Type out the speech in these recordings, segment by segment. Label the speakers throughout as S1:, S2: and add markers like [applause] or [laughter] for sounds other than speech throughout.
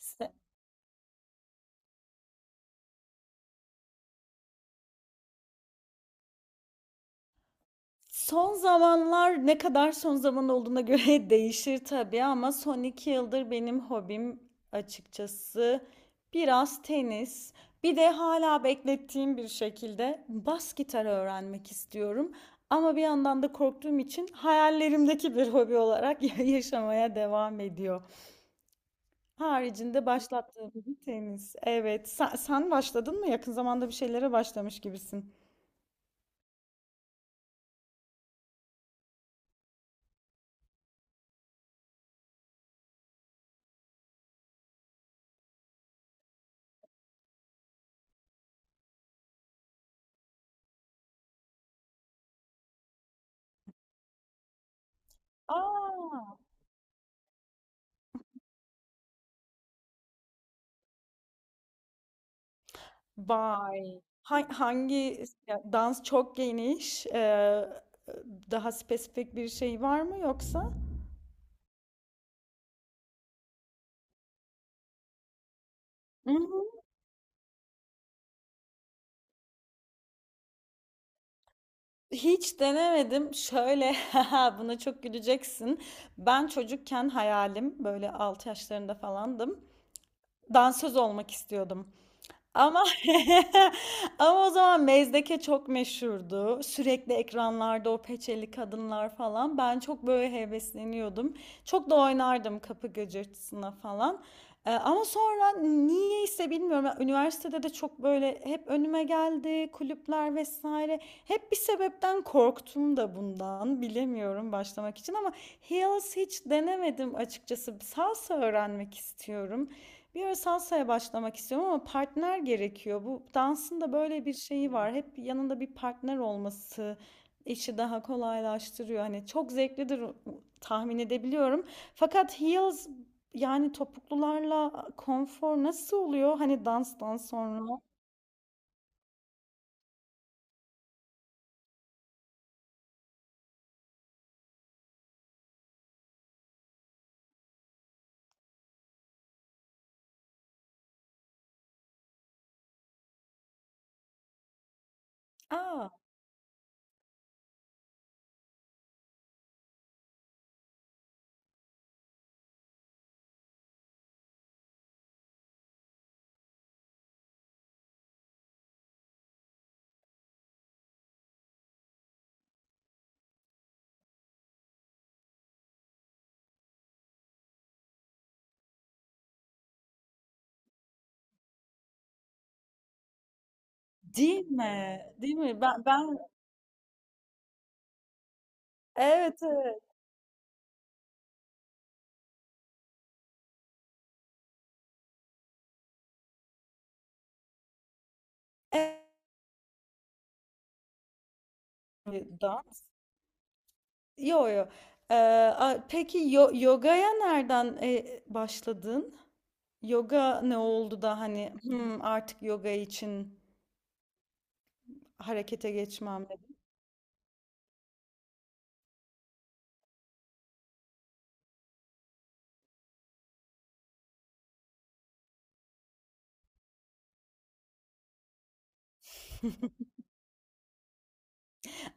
S1: İşte Son zamanlar ne kadar son zaman olduğuna göre [laughs] değişir tabii ama son iki yıldır benim hobim açıkçası biraz tenis. Bir de hala beklettiğim bir şekilde bas gitarı öğrenmek istiyorum. Ama bir yandan da korktuğum için hayallerimdeki bir hobi olarak [laughs] yaşamaya devam ediyor. Haricinde başlattığım bir tenis. Evet, sen başladın mı? Yakın zamanda bir şeylere başlamış gibisin. Aa. Vay! Hangi ya, dans çok geniş? Daha spesifik bir şey var mı yoksa? Hmm, hiç denemedim. Şöyle [laughs] haha, buna çok güleceksin. Ben çocukken hayalim böyle 6 yaşlarında falandım. Dansöz olmak istiyordum. Ama [laughs] ama o zaman Mezdeke çok meşhurdu. Sürekli ekranlarda o peçeli kadınlar falan. Ben çok böyle hevesleniyordum. Çok da oynardım kapı gıcırtısına falan. Ama sonra niyeyse bilmiyorum. Yani üniversitede de çok böyle hep önüme geldi kulüpler vesaire. Hep bir sebepten korktum da bundan. Bilemiyorum başlamak için ama heels hiç denemedim açıkçası. Salsa öğrenmek istiyorum. Bir ara salsaya başlamak istiyorum ama partner gerekiyor. Bu dansın da böyle bir şeyi var. Hep yanında bir partner olması işi daha kolaylaştırıyor. Hani çok zevklidir, tahmin edebiliyorum. Fakat heels, yani topuklularla konfor nasıl oluyor? Hani danstan sonra. Aa, değil mi? Değil mi? Ben evet, evet. Evet, dans. Yo yo. Peki, yogaya nereden başladın? Yoga ne oldu da hani, "Hmm, artık yoga için harekete geçmem" dedi.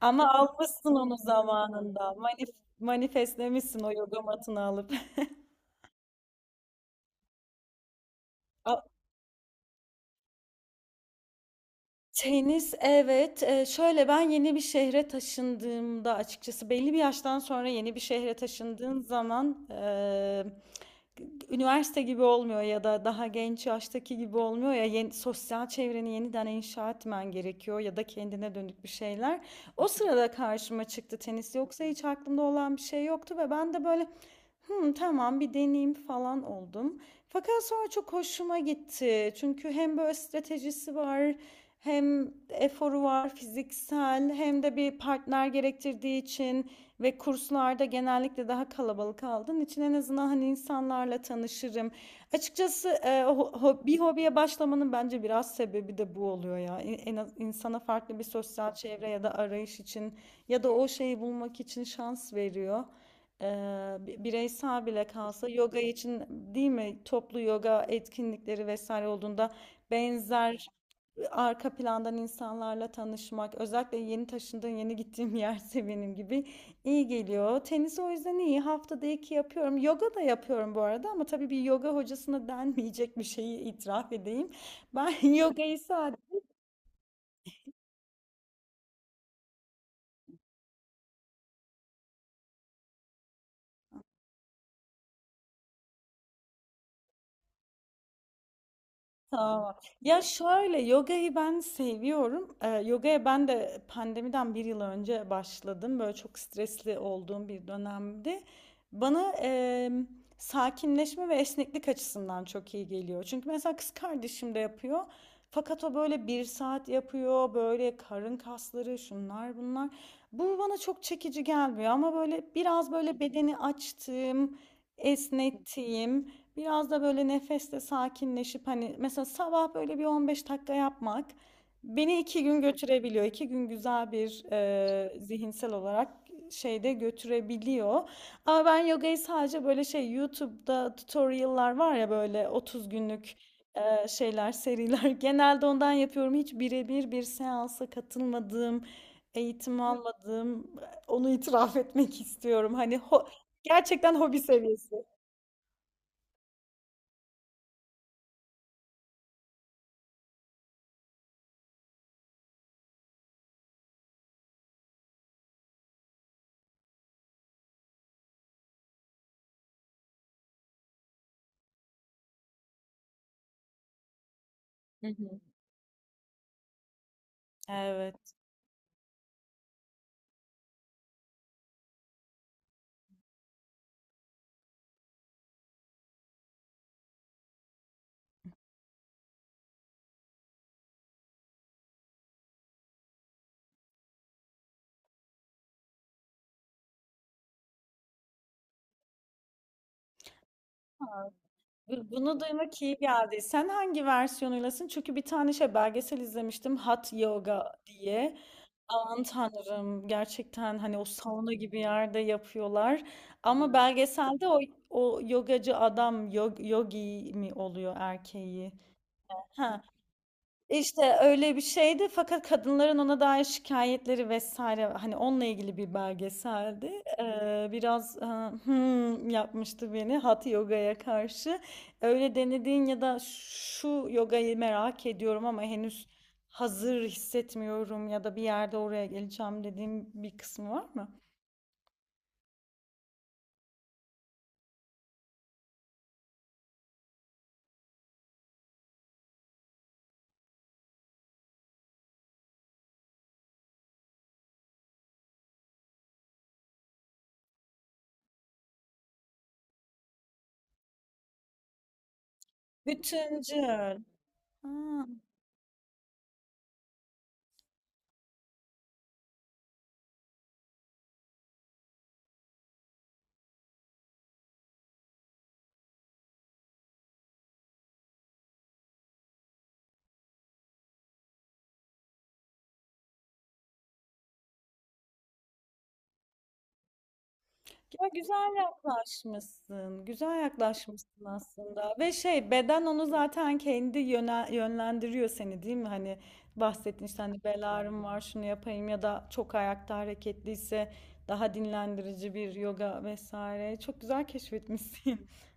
S1: Ama almışsın onu zamanında. Manifestlemişsin o yoga matını alıp. [laughs] Tenis, evet. Şöyle, ben yeni bir şehre taşındığımda açıkçası belli bir yaştan sonra yeni bir şehre taşındığın zaman üniversite gibi olmuyor ya da daha genç yaştaki gibi olmuyor ya, yeni sosyal çevreni yeniden inşa etmen gerekiyor ya da kendine dönük bir şeyler. O sırada karşıma çıktı tenis. Yoksa hiç aklımda olan bir şey yoktu ve ben de böyle hı, tamam bir deneyim falan oldum. Fakat sonra çok hoşuma gitti. Çünkü hem böyle stratejisi var, hem eforu var fiziksel, hem de bir partner gerektirdiği için ve kurslarda genellikle daha kalabalık aldığın için en azından hani insanlarla tanışırım. Açıkçası bir hobiye başlamanın bence biraz sebebi de bu oluyor ya. En az insana farklı bir sosyal çevre ya da arayış için ya da o şeyi bulmak için şans veriyor. Eee, Bireysel bile kalsa yoga için değil mi, toplu yoga etkinlikleri vesaire olduğunda benzer arka plandan insanlarla tanışmak, özellikle yeni taşındığım, yeni gittiğim yerse benim gibi iyi geliyor. Tenis o yüzden iyi, haftada iki yapıyorum, yoga da yapıyorum bu arada ama tabii bir yoga hocasına [laughs] denmeyecek bir şeyi itiraf edeyim. Ben [laughs] yogayı sadece tamam. Ya şöyle, yogayı ben seviyorum. Yogaya ben de pandemiden bir yıl önce başladım. Böyle çok stresli olduğum bir dönemdi. Bana sakinleşme ve esneklik açısından çok iyi geliyor. Çünkü mesela kız kardeşim de yapıyor. Fakat o böyle bir saat yapıyor. Böyle karın kasları, şunlar bunlar. Bu bana çok çekici gelmiyor ama böyle biraz böyle bedeni açtığım, esnettiğim. Biraz da böyle nefesle sakinleşip hani mesela sabah böyle bir 15 dakika yapmak beni iki gün götürebiliyor. İki gün güzel bir zihinsel olarak şeyde götürebiliyor. Ama ben yogayı sadece böyle şey, YouTube'da tutorial'lar var ya böyle 30 günlük şeyler, seriler, [laughs] genelde ondan yapıyorum. Hiç birebir bir seansa katılmadığım, eğitim almadığım, onu itiraf [laughs] etmek istiyorum. Gerçekten hobi seviyesi. Hı hı. Evet. Bunu duymak iyi geldi. Sen hangi versiyonuylasın? Çünkü bir tane şey belgesel izlemiştim, Hot Yoga diye. Aman tanrım, gerçekten hani o sauna gibi yerde yapıyorlar. Ama belgeselde o, o yogacı adam yogi mi oluyor erkeği? Ha, işte öyle bir şeydi fakat kadınların ona dair şikayetleri vesaire, hani onunla ilgili bir belgeseldi. Yapmıştı beni Hatha Yoga'ya karşı. Öyle denediğin ya da şu yogayı merak ediyorum ama henüz hazır hissetmiyorum ya da bir yerde oraya geleceğim dediğin bir kısmı var mı? Bütüncül. A! Ya güzel yaklaşmışsın. Güzel yaklaşmışsın aslında. Ve şey, beden onu zaten kendi yönlendiriyor seni, değil mi? Hani bahsettin işte, hani bel ağrım var, şunu yapayım ya da çok ayakta hareketliyse daha dinlendirici bir yoga vesaire. Çok güzel keşfetmişsin. [laughs]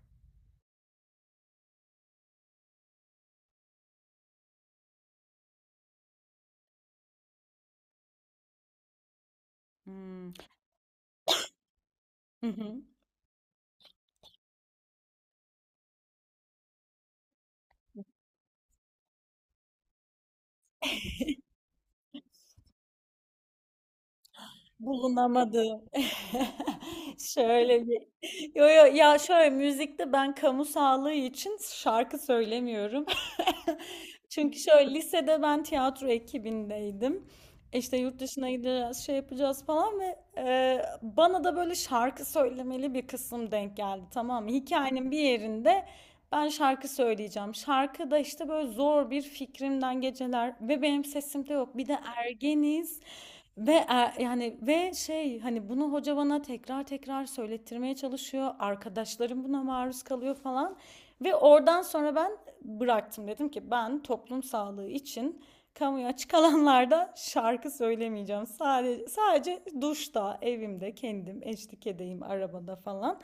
S1: Hmm. [laughs] Bulunamadı. [laughs] Şöyle bir yo yo, ya şöyle müzikte ben kamu sağlığı için şarkı söylemiyorum. [laughs] Çünkü şöyle, lisede ben tiyatro ekibindeydim. İşte yurt dışına gideceğiz, şey yapacağız falan ve bana da böyle şarkı söylemeli bir kısım denk geldi, tamam mı? Hikayenin bir yerinde ben şarkı söyleyeceğim. Şarkı da işte böyle zor bir fikrimden geceler ve benim sesim de yok. Bir de ergeniz. Ve şey, hani bunu hoca bana tekrar tekrar söylettirmeye çalışıyor, arkadaşlarım buna maruz kalıyor falan. Ve oradan sonra ben bıraktım. Dedim ki ben toplum sağlığı için kamuya açık alanlarda şarkı söylemeyeceğim. Sadece duşta, evimde, kendim, eşlik edeyim arabada falan.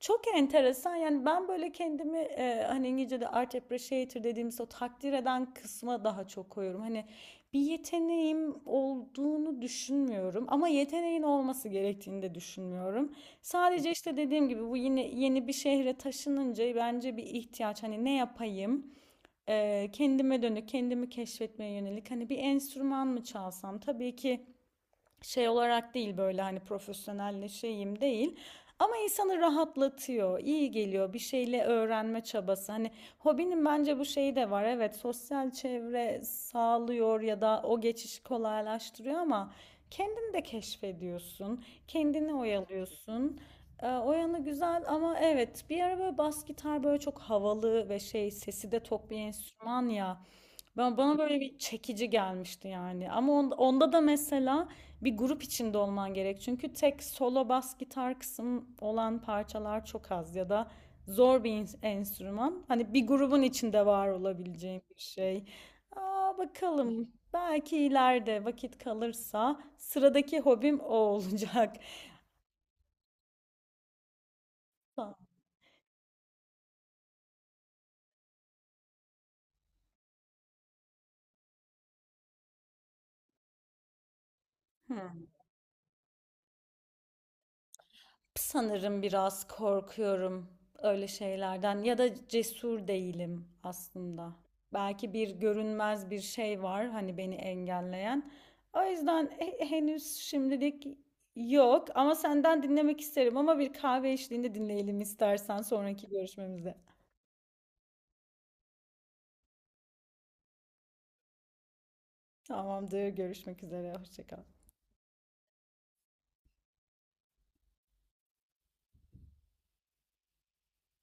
S1: Çok enteresan, yani ben böyle kendimi hani İngilizce'de art appreciator dediğimiz o takdir eden kısma daha çok koyuyorum. Hani bir yeteneğim olduğunu düşünmüyorum ama yeteneğin olması gerektiğini de düşünmüyorum. Sadece işte dediğim gibi bu yine, yeni bir şehre taşınınca bence bir ihtiyaç, hani ne yapayım? Kendime dönük, kendimi keşfetmeye yönelik, hani bir enstrüman mı çalsam, tabii ki şey olarak değil, böyle hani profesyonelleşeyim değil. Ama insanı rahatlatıyor, iyi geliyor bir şeyle öğrenme çabası. Hani hobinin bence bu şeyi de var. Evet, sosyal çevre sağlıyor ya da o geçişi kolaylaştırıyor ama kendini de keşfediyorsun, kendini oyalıyorsun. O yanı güzel ama evet, bir ara böyle bas gitar böyle çok havalı ve şey, sesi de tok bir enstrüman ya. Bana böyle bir çekici gelmişti yani. Ama onda da mesela bir grup içinde olman gerek. Çünkü tek solo bas gitar kısım olan parçalar çok az ya da zor bir enstrüman. Hani bir grubun içinde var olabileceğin bir şey. Aa, bakalım. Belki ileride vakit kalırsa sıradaki hobim o olacak. [laughs] Hı. Sanırım biraz korkuyorum öyle şeylerden ya da cesur değilim aslında. Belki bir görünmez bir şey var hani beni engelleyen. O yüzden henüz şimdilik yok ama senden dinlemek isterim ama bir kahve eşliğinde dinleyelim istersen sonraki görüşmemizde. Tamamdır, görüşmek üzere, hoşça kal.